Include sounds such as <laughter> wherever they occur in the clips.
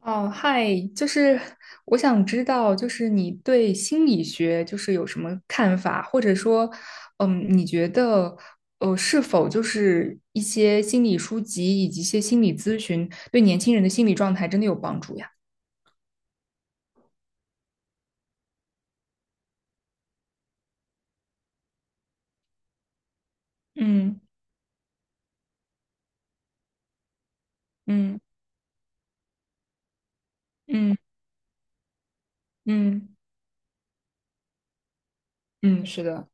哦，嗨，就是我想知道，就是你对心理学就是有什么看法，或者说，你觉得，是否就是一些心理书籍以及一些心理咨询对年轻人的心理状态真的有帮助呀？嗯嗯嗯嗯嗯，是的，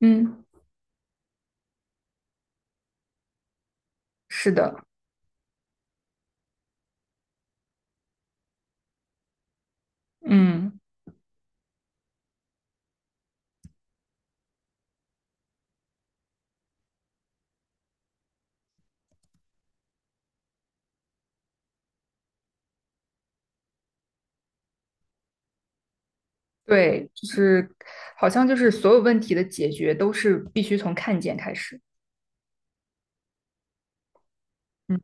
嗯，是的，嗯，对，就是好像就是所有问题的解决都是必须从看见开始。嗯，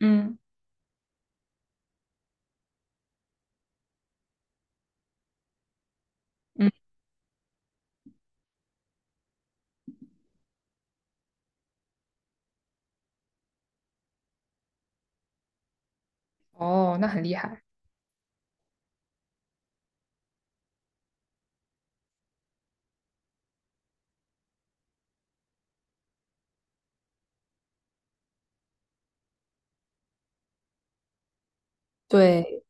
嗯嗯，哦，那很厉害。对，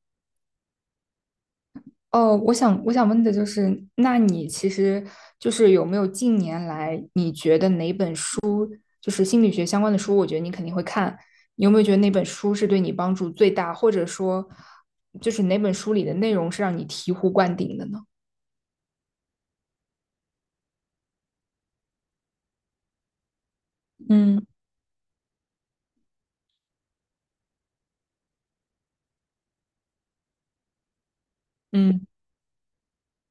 哦，我想问的就是，那你其实就是有没有近年来你觉得哪本书，就是心理学相关的书，我觉得你肯定会看，你有没有觉得哪本书是对你帮助最大，或者说就是哪本书里的内容是让你醍醐灌顶的呢？嗯嗯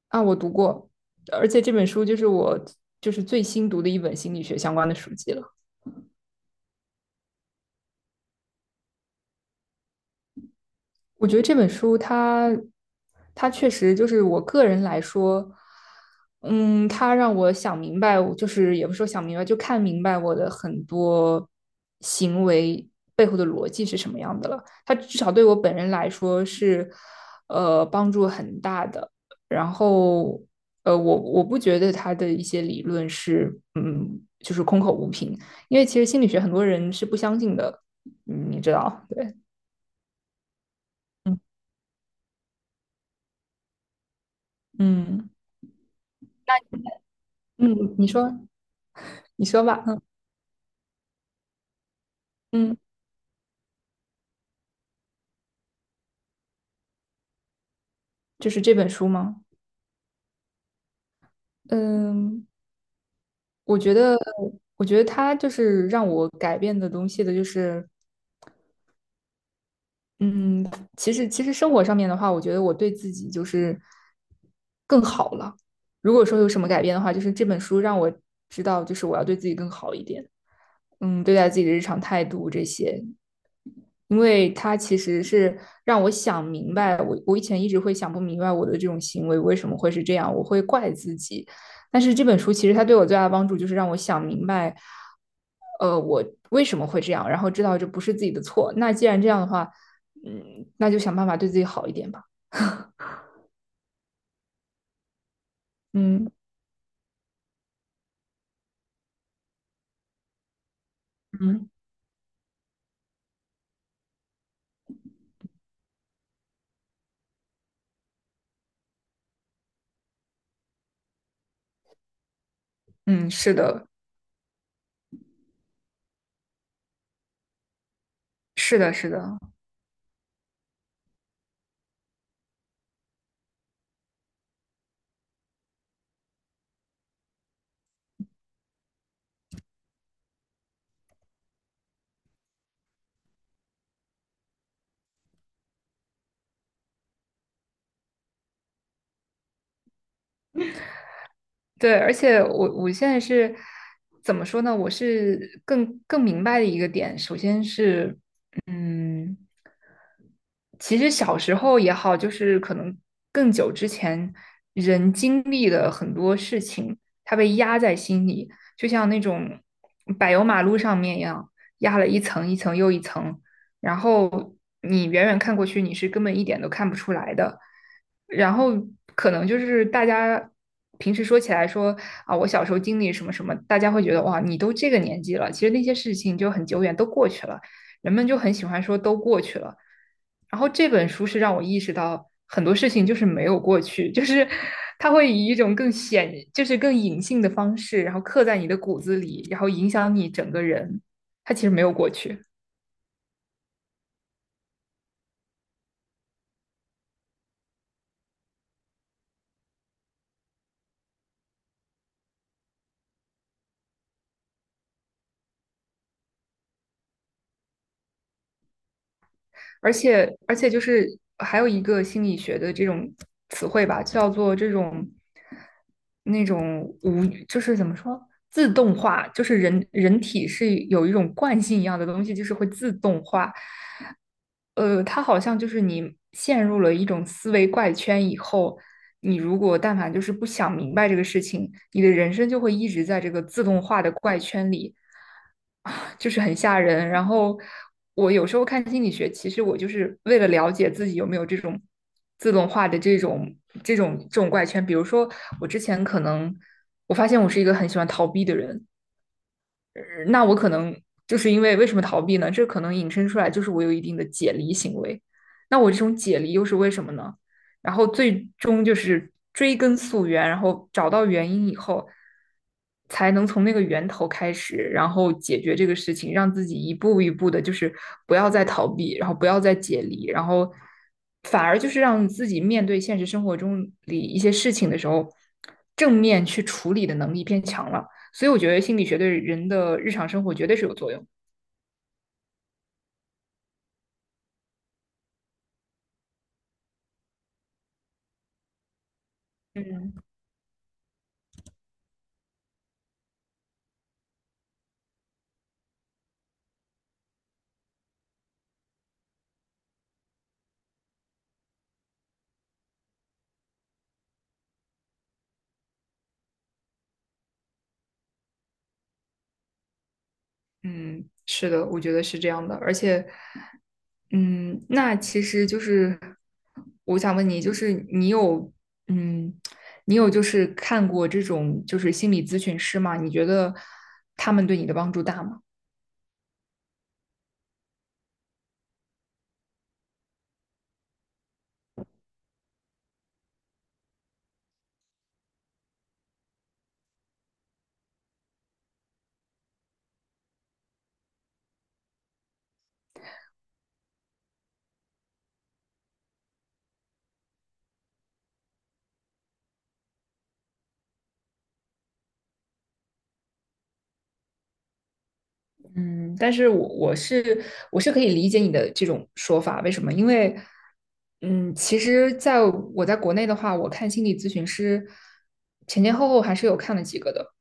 啊，我读过，而且这本书就是我就是最新读的一本心理学相关的书籍了。我觉得这本书它确实就是我个人来说，它让我想明白，就是也不是说想明白，就看明白我的很多行为背后的逻辑是什么样的了。它至少对我本人来说是，帮助很大的。然后，我不觉得它的一些理论是，就是空口无凭，因为其实心理学很多人是不相信的，嗯你知道，对，嗯嗯。嗯，你说，你说吧。嗯嗯，就是这本书吗？嗯，我觉得，我觉得它就是让我改变的东西的，就是嗯，其实生活上面的话，我觉得我对自己就是更好了。如果说有什么改变的话，就是这本书让我知道，就是我要对自己更好一点。对待自己的日常态度这些，因为它其实是让我想明白，我以前一直会想不明白我的这种行为为什么会是这样，我会怪自己。但是这本书其实它对我最大的帮助就是让我想明白，我为什么会这样，然后知道这不是自己的错。那既然这样的话，那就想办法对自己好一点吧。嗯嗯，嗯，是的，是的，是的，对，而且我现在是怎么说呢？我是更明白的一个点，首先是嗯。其实小时候也好，就是可能更久之前，人经历的很多事情，他被压在心里，就像那种柏油马路上面一样，压了一层一层又一层，然后你远远看过去，你是根本一点都看不出来的。然后可能就是大家平时说起来说啊，我小时候经历什么什么，大家会觉得哇，你都这个年纪了，其实那些事情就很久远，都过去了。人们就很喜欢说都过去了，然后这本书是让我意识到很多事情就是没有过去，<laughs> 就是它会以一种更显，就是更隐性的方式，然后刻在你的骨子里，然后影响你整个人。它其实没有过去。而且就是还有一个心理学的这种词汇吧，叫做这种那种无，就是怎么说，自动化，就是人体是有一种惯性一样的东西，就是会自动化。它好像就是你陷入了一种思维怪圈以后，你如果但凡就是不想明白这个事情，你的人生就会一直在这个自动化的怪圈里，啊，就是很吓人。然后我有时候看心理学，其实我就是为了了解自己有没有这种自动化的这种怪圈。比如说，我之前可能我发现我是一个很喜欢逃避的人，那我可能就是为什么逃避呢？这可能引申出来就是我有一定的解离行为。那我这种解离又是为什么呢？然后最终就是追根溯源，然后找到原因以后，才能从那个源头开始，然后解决这个事情，让自己一步一步的，就是不要再逃避，然后不要再解离，然后反而就是让自己面对现实生活中里一些事情的时候，正面去处理的能力变强了。所以我觉得心理学对人的日常生活绝对是有作用。嗯嗯，是的，我觉得是这样的。而且，嗯，那其实就是我想问你，就是嗯，你有就是看过这种就是心理咨询师吗？你觉得他们对你的帮助大吗？嗯，但是我是可以理解你的这种说法，为什么？因为，其实在国内的话，我看心理咨询师前前后后还是有看了几个的，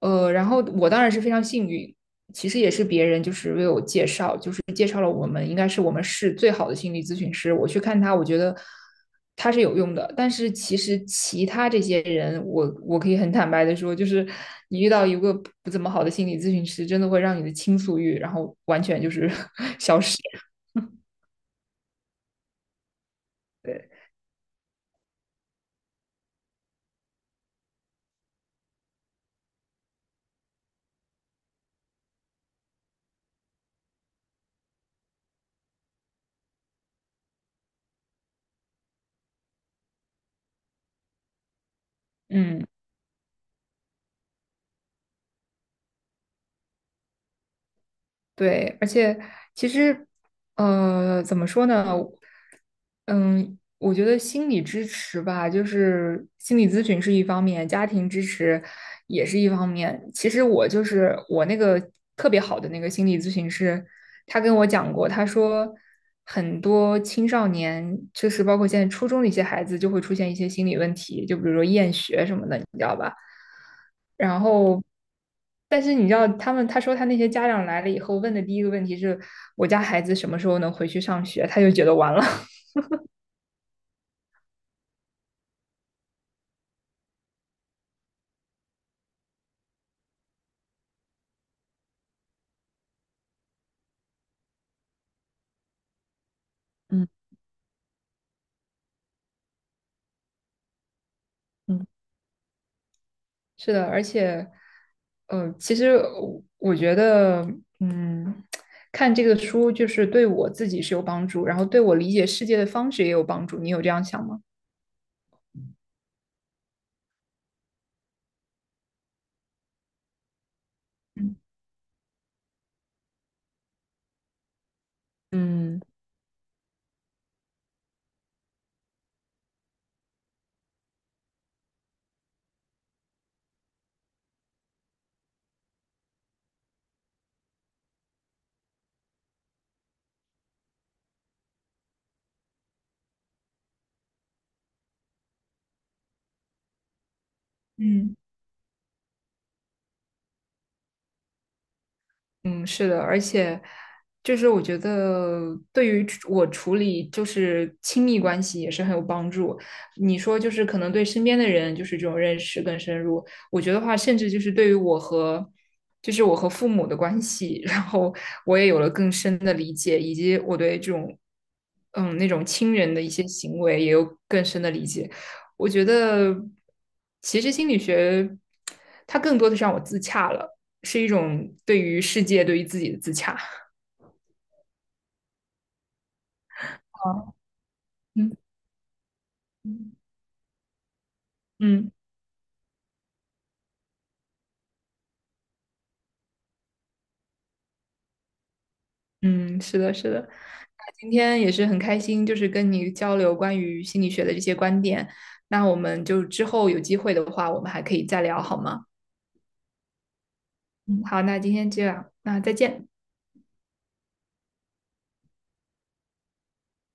然后我当然是非常幸运，其实也是别人就是为我介绍，就是介绍了我们应该是我们市最好的心理咨询师，我去看他，我觉得它是有用的，但是其实其他这些人，我可以很坦白的说，就是你遇到一个不怎么好的心理咨询师，真的会让你的倾诉欲，然后完全就是 <laughs> 对，嗯，对，而且其实，怎么说呢，嗯，我觉得心理支持吧，就是心理咨询是一方面，家庭支持也是一方面。其实我就是我那个特别好的那个心理咨询师，他跟我讲过，他说很多青少年，就是包括现在初中的一些孩子，就会出现一些心理问题，就比如说厌学什么的，你知道吧？然后，但是你知道，他说他那些家长来了以后问的第一个问题是，我家孩子什么时候能回去上学？他就觉得完了。嗯嗯，是的，而且，其实我觉得，嗯，看这个书就是对我自己是有帮助，然后对我理解世界的方式也有帮助。你有这样想吗？嗯嗯。嗯。嗯，是的，而且就是我觉得对于我处理就是亲密关系也是很有帮助。你说就是可能对身边的人就是这种认识更深入，我觉得话甚至就是对于我和父母的关系，<laughs> 然后我也有了更深的理解，以及我对这种嗯那种亲人的一些行为也有更深的理解。我觉得其实心理学它更多的是让我自洽了。是一种对于世界、对于自己的自洽。嗯嗯嗯嗯，是的，是的。那今天也是很开心，就是跟你交流关于心理学的这些观点。那我们就之后有机会的话，我们还可以再聊，好吗？嗯好，那今天这样，那再见。